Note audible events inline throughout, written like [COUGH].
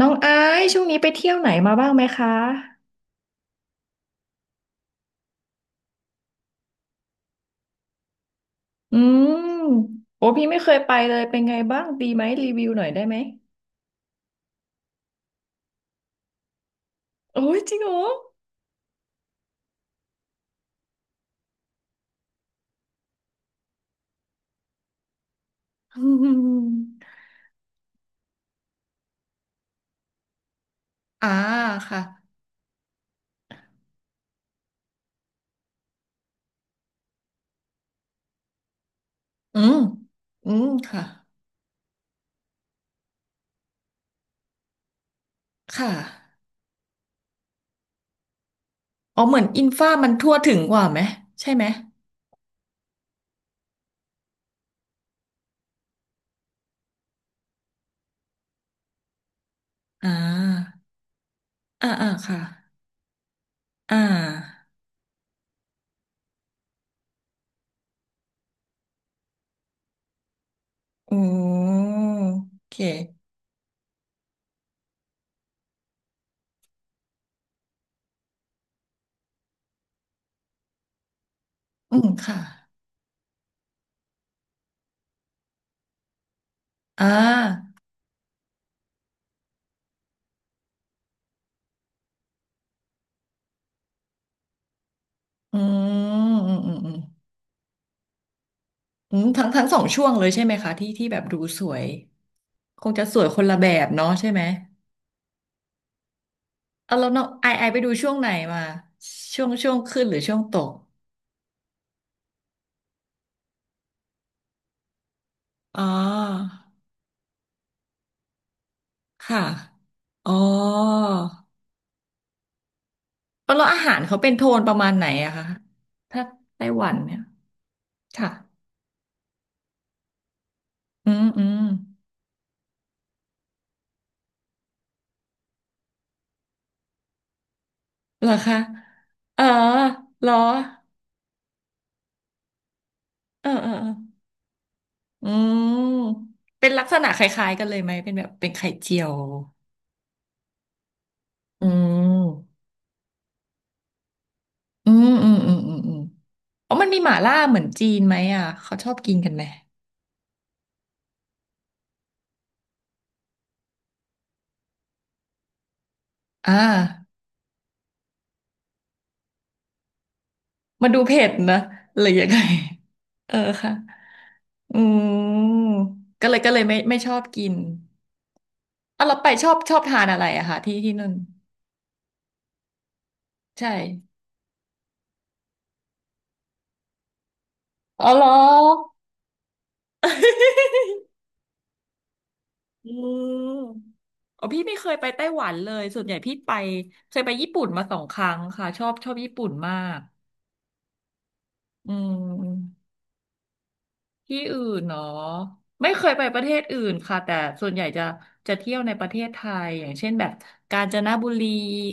น้องไอซ์ช่วงนี้ไปเที่ยวไหนมาบ้างไหมคะ อืมโอ้พี่ไม่เคยไปเลยเป็นไงบ้างดีไหมรีวิวหน่อยได้ไหมโอ้ยจริงเหรออืม [LAUGHS] อ่าค่ะ อืมอืมค่ะค่ะอ๋อเหมือนอินฟ้ามันทั่วถึงกว่าไหมใช่ไหม อ่าอ่าอ่าค่ะอ่าอืมโอเคอืมค่ะ อ่า อืมอืมอืมอืมอืมทั้งสองช่วงเลยใช่ไหมคะที่แบบดูสวย คงจะสวยคนละแบบเนาะใช่ไหม เอาแล้วน้องไอไปดูช่วงไหนมาช่วงขึ้นหรือช่วงตกอ๋อค่ะอ๋อแล้วอาหารเขาเป็นโทนประมาณไหนอะคะถ้าไต้หวันเนี่ยค่ะอืมอืมเหรอคะเออเหรอเออเออเอออืมเป็นลักษณะคล้ายๆกันเลยไหมเป็นแบบเป็นไข่เจียวอืมอืมอืมอืมอืมอืมอ๋อมันมีหม่าล่าเหมือนจีนไหมอ่ะเขาชอบกินกันไหม อ่ามันดูเผ็ดนะหรือยังไง [LAUGHS] เออค่ะอืมก็เลยไม่ชอบกินอ่ะเราไปชอบทานอะไรอะค่ะที่นู่นใช่อ๋อเหรอ [LAUGHS] อืมอ๋อพี่ไม่เคยไปไต้หวันเลยส่วนใหญ่พี่ไปเคยไปญี่ปุ่นมา2 ครั้งค่ะชอบญี่ปุ่นมากอืม ที่อื่นเนาะไม่เคยไปประเทศอื่นค่ะแต่ส่วนใหญ่จะเที่ยวในประเทศไทยอย่างเช่นแบบกาญจนบุรี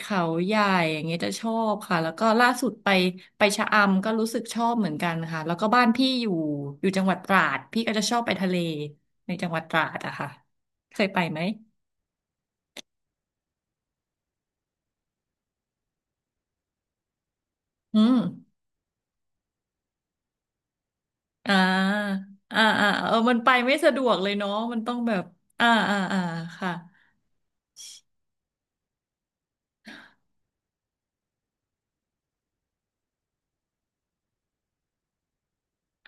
เขาใหญ่อย่างเงี้ยจะชอบค่ะแล้วก็ล่าสุดไปชะอำก็รู้สึกชอบเหมือนกันค่ะแล้วก็บ้านพี่อยู่จังหวัดตราดพี่ก็จะชอบไปทะเลในจังหวัดตราดอะค่ะเคยไปไหมอืมอ่าอ่าอ่าเออมันไปไม่สะดวกเลยเนาะมันต้องแบบอ่าอ่าอ่าค่ะ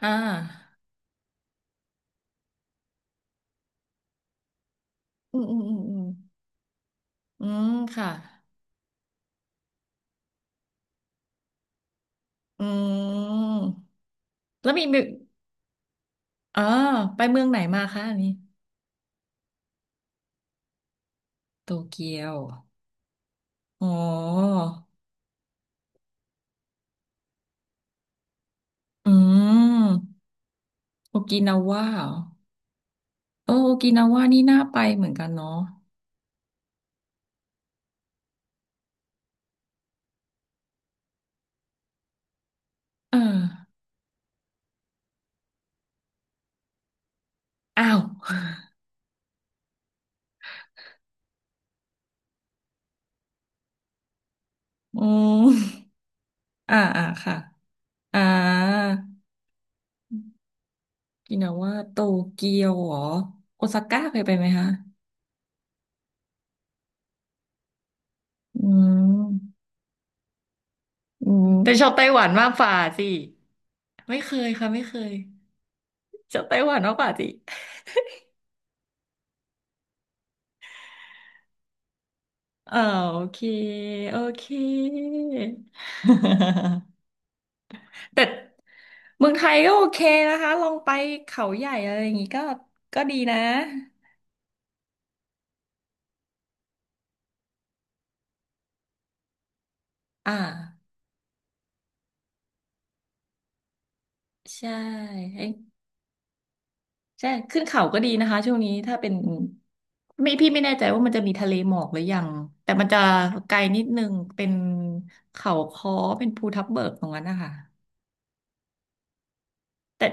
อ่าอืมอืมอืมอืมอืมค่ะ อืมแล้วมีอ๋อไปเมืองไหนมาคะอันนี้โตเกียวอ๋ออืมโอกินาว่าเหรอเออโอกินาว่านี่น่าไปเหมือนกันเนาะเอออ้าว [LAUGHS] อืมอ่าอ่าค่ะอ่าโอกินาว่าโตเกียวเหรอโอซาก้าเคยไปไหมคะอืมอืมแต่ชอบไต้หวันมากฝ่าสิไม่เคยค่ะไม่เคยชอบไต้หวันมากฝ่าสิ เออโอเคโอเค [LAUGHS] แต่เมืองไทยก็โอเคนะคะลองไปเขาใหญ่อะไรอย่างงี้ก็ดีนะอ่าใช่เอ้ยใช่ขึ้นเขาก็ดีนะคะช่วงนี้ถ้าเป็นไม่พี่ไม่แน่ใจว่ามันจะมีทะเลหมอกหรือยังแต่มันจะไกลนิดนึงเป็นเขาค้อเป็นภูทับเบิกตรงนั้นนะคะแต่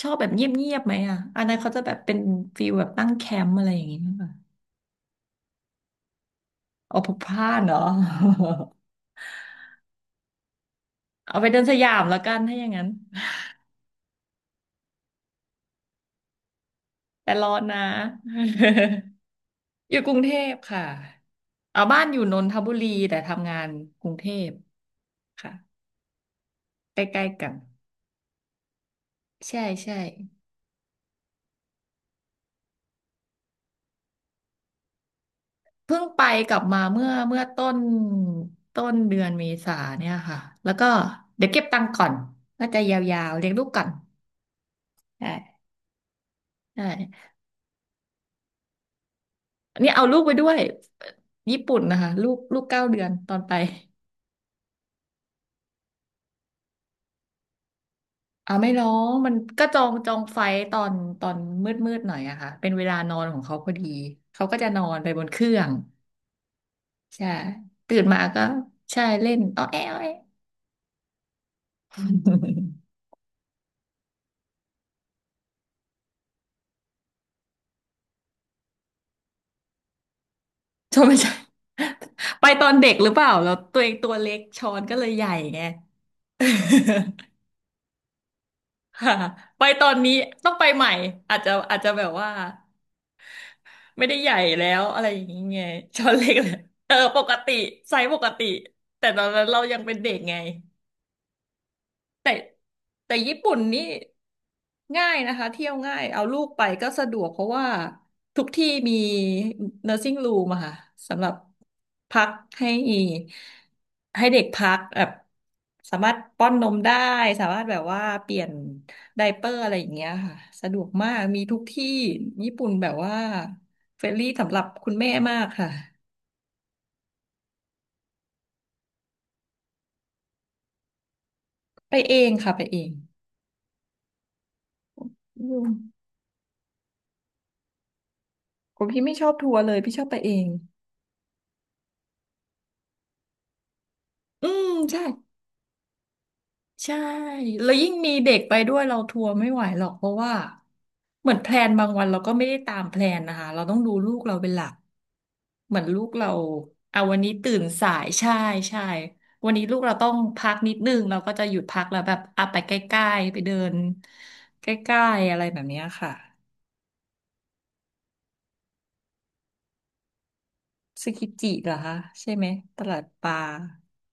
ชอบแบบเงียบๆไหมอ่ะอันนั้นเขาจะแบบเป็นฟีลแบบตั้งแคมป์อะไรอย่างงี้ เอาพกพลานเนาะ [LAUGHS] เอาไปเดินสยามแล้วกันถ้าอย่างนั้นแต่ร้อนนะ [LAUGHS] อยู่กรุงเทพค่ะเอาบ้านอยู่นนทบุรีแต่ทำงานกรุงเทพค่ะใกล้ๆกันใช่ใช่เพิ่งไปกลับมาเมื่อต้นเดือนเมษาเนี่ยค่ะแล้วก็เดี๋ยวเก็บตังค์ก่อนน่าจะยาวๆเลี้ยงลูกก่อนใช่ใช่อันนี้เอาลูกไปด้วยญี่ปุ่นนะคะลูก9 เดือนตอนไป อ่าไม่ร้องมันก็จองไฟตอนตอนมืดหน่อยอะค่ะเป็นเวลานอนของเขาพอดีเขาก็จะนอนไปบนเครื่องใช่ตื่นมาก็ใช่เล่นอ้อแอ้อแอ้ [LAUGHS] ชอไม่ [LAUGHS] ใช่ [LAUGHS] ไปตอนเด็กหรือเปล่าแล้วตัวเองตัวเล็กช้อนก็เลยใหญ่ไง [LAUGHS] ค่ะไปตอนนี้ต้องไปใหม่อาจจะแบบว่าไม่ได้ใหญ่แล้วอะไรอย่างนี้ไงช้อนเล็กเลยเออปกติไซส์ปกติแต่ตอนนั้นเรายังเป็นเด็กไง แต่ญี่ปุ่นนี่ง่ายนะคะเที่ยวง่ายเอาลูกไปก็สะดวกเพราะว่าทุกที่มี n u r ์ i n g room อะค่ะสำหรับพักให้เด็กพักแบบสามารถป้อนนมได้สามารถแบบว่าเปลี่ยนไดเปอร์อะไรอย่างเงี้ยค่ะสะดวกมากมีทุกที่ญี่ปุ่นแบบว่าเฟรนลี่สำหรับคุณแม่มากค่ะไปเองค่ะไปเองอืมผมพี่ไม่ชอบทัวร์เลยพี่ชอบไปเองอืมใช่ ใช่แล้วยิ่งมีเด็กไปด้วยเราทัวร์ไม่ไหวหรอกเพราะว่าเหมือนแพลนบางวันเราก็ไม่ได้ตามแพลนนะคะเราต้องดูลูกเราเป็นหลักเหมือนลูกเราเอาวันนี้ตื่นสายใช่ใช่วันนี้ลูกเราต้องพักนิดนึงเราก็จะหยุดพักแล้วแบบอ่ะไปใกล้ๆไปเดินใกล้ๆอะไรแบบเนี้ยค่ะซึกิจิเหรอคะใช่ไหมตลาดปลา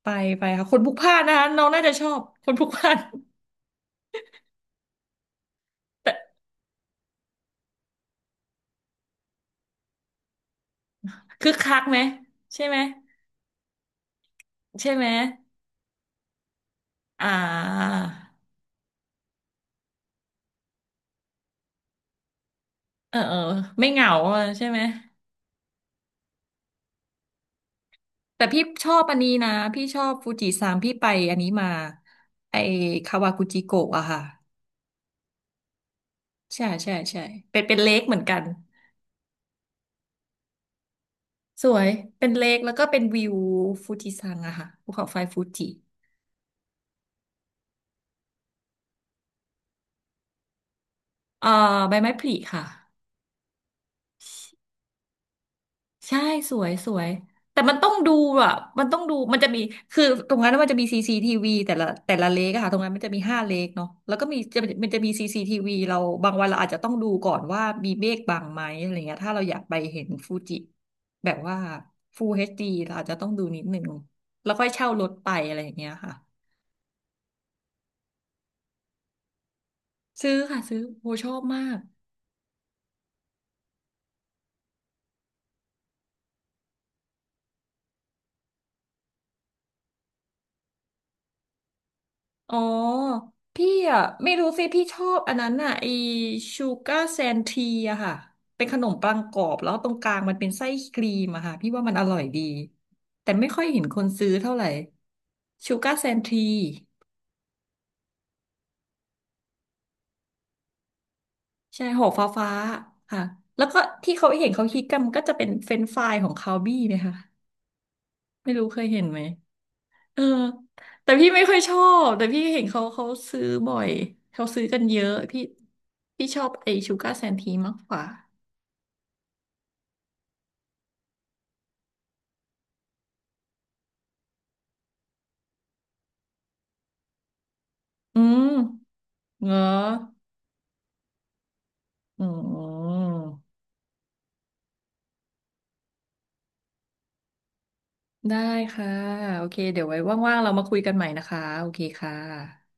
ไปค่ะคนพลุกพล่านนะคะน้องน่าจะชอบคนพลุกพล่านแต่คึกคักไหมใช่ไหมใช่ไหม อ่าเออเออไม่เหงาอะใช่ไหมแต่พี่ชอบอันนี้นะพี่ชอบฟูจิซังพี่ไปอันนี้มาไอคาวากุจิโกะอะค่ะใช่ใช่ใช่เป็นเป็นเลคเหมือนกันสวยเป็นเลคแล้วก็เป็นวิวฟูจิซังอะค่ะภูเขาไฟฟูจิเอ่อใบไม้ผลิค่ะ ใช่สวยสวยแต่มันต้องดูอ่ะมันต้องดูมันจะมีคือตรงนั้นมันจะมีซีซีทีวีแต่ละเลกอะค่ะตรงนั้นมันจะมี5 เลกเนาะแล้วก็มีจะมันจะมีซีซีทีวีเราบางวันเราอาจจะต้องดูก่อนว่ามีเมฆบังไหมอะไรเงี้ยถ้าเราอยากไปเห็นฟูจิแบบว่า Full HD เราอาจจะต้องดูนิดหนึ่งแล้วค่อยเช่ารถไปอะไรอย่างเงี้ยค่ะซื้อค่ะซื้อโหชอบมาก อ๋อพี่อ่ะไม่รู้สิพี่ชอบอันนั้นอ่ะไอชูการ์แซนทีอะค่ะเป็นขนมปังกรอบแล้วตรงกลางมันเป็นไส้ครีมอะค่ะพี่ว่ามันอร่อยดีแต่ไม่ค่อยเห็นคนซื้อเท่าไหร่ชูการ์แซนทีใช่ห่อฟ้าฟ้าค่ะแล้วก็ที่เขาเห็นเขาฮิตกันมันก็จะเป็นเฟรนช์ฟรายของคาวบี้เนะคะไม่รู้เคยเห็นไหมเออแต่พี่ไม่ค่อยชอบแต่พี่เห็นเขาซื้อบ่อยเขาซื้อกันเยอะพี่ชอบไอชูการ์แซนทีมากกว่า อืม เหรออืม ได้ค่ะ โอเค เดี๋ยวไว้ว่างๆเรามาคุยกันใหม่นะคะ โอเคค่ะ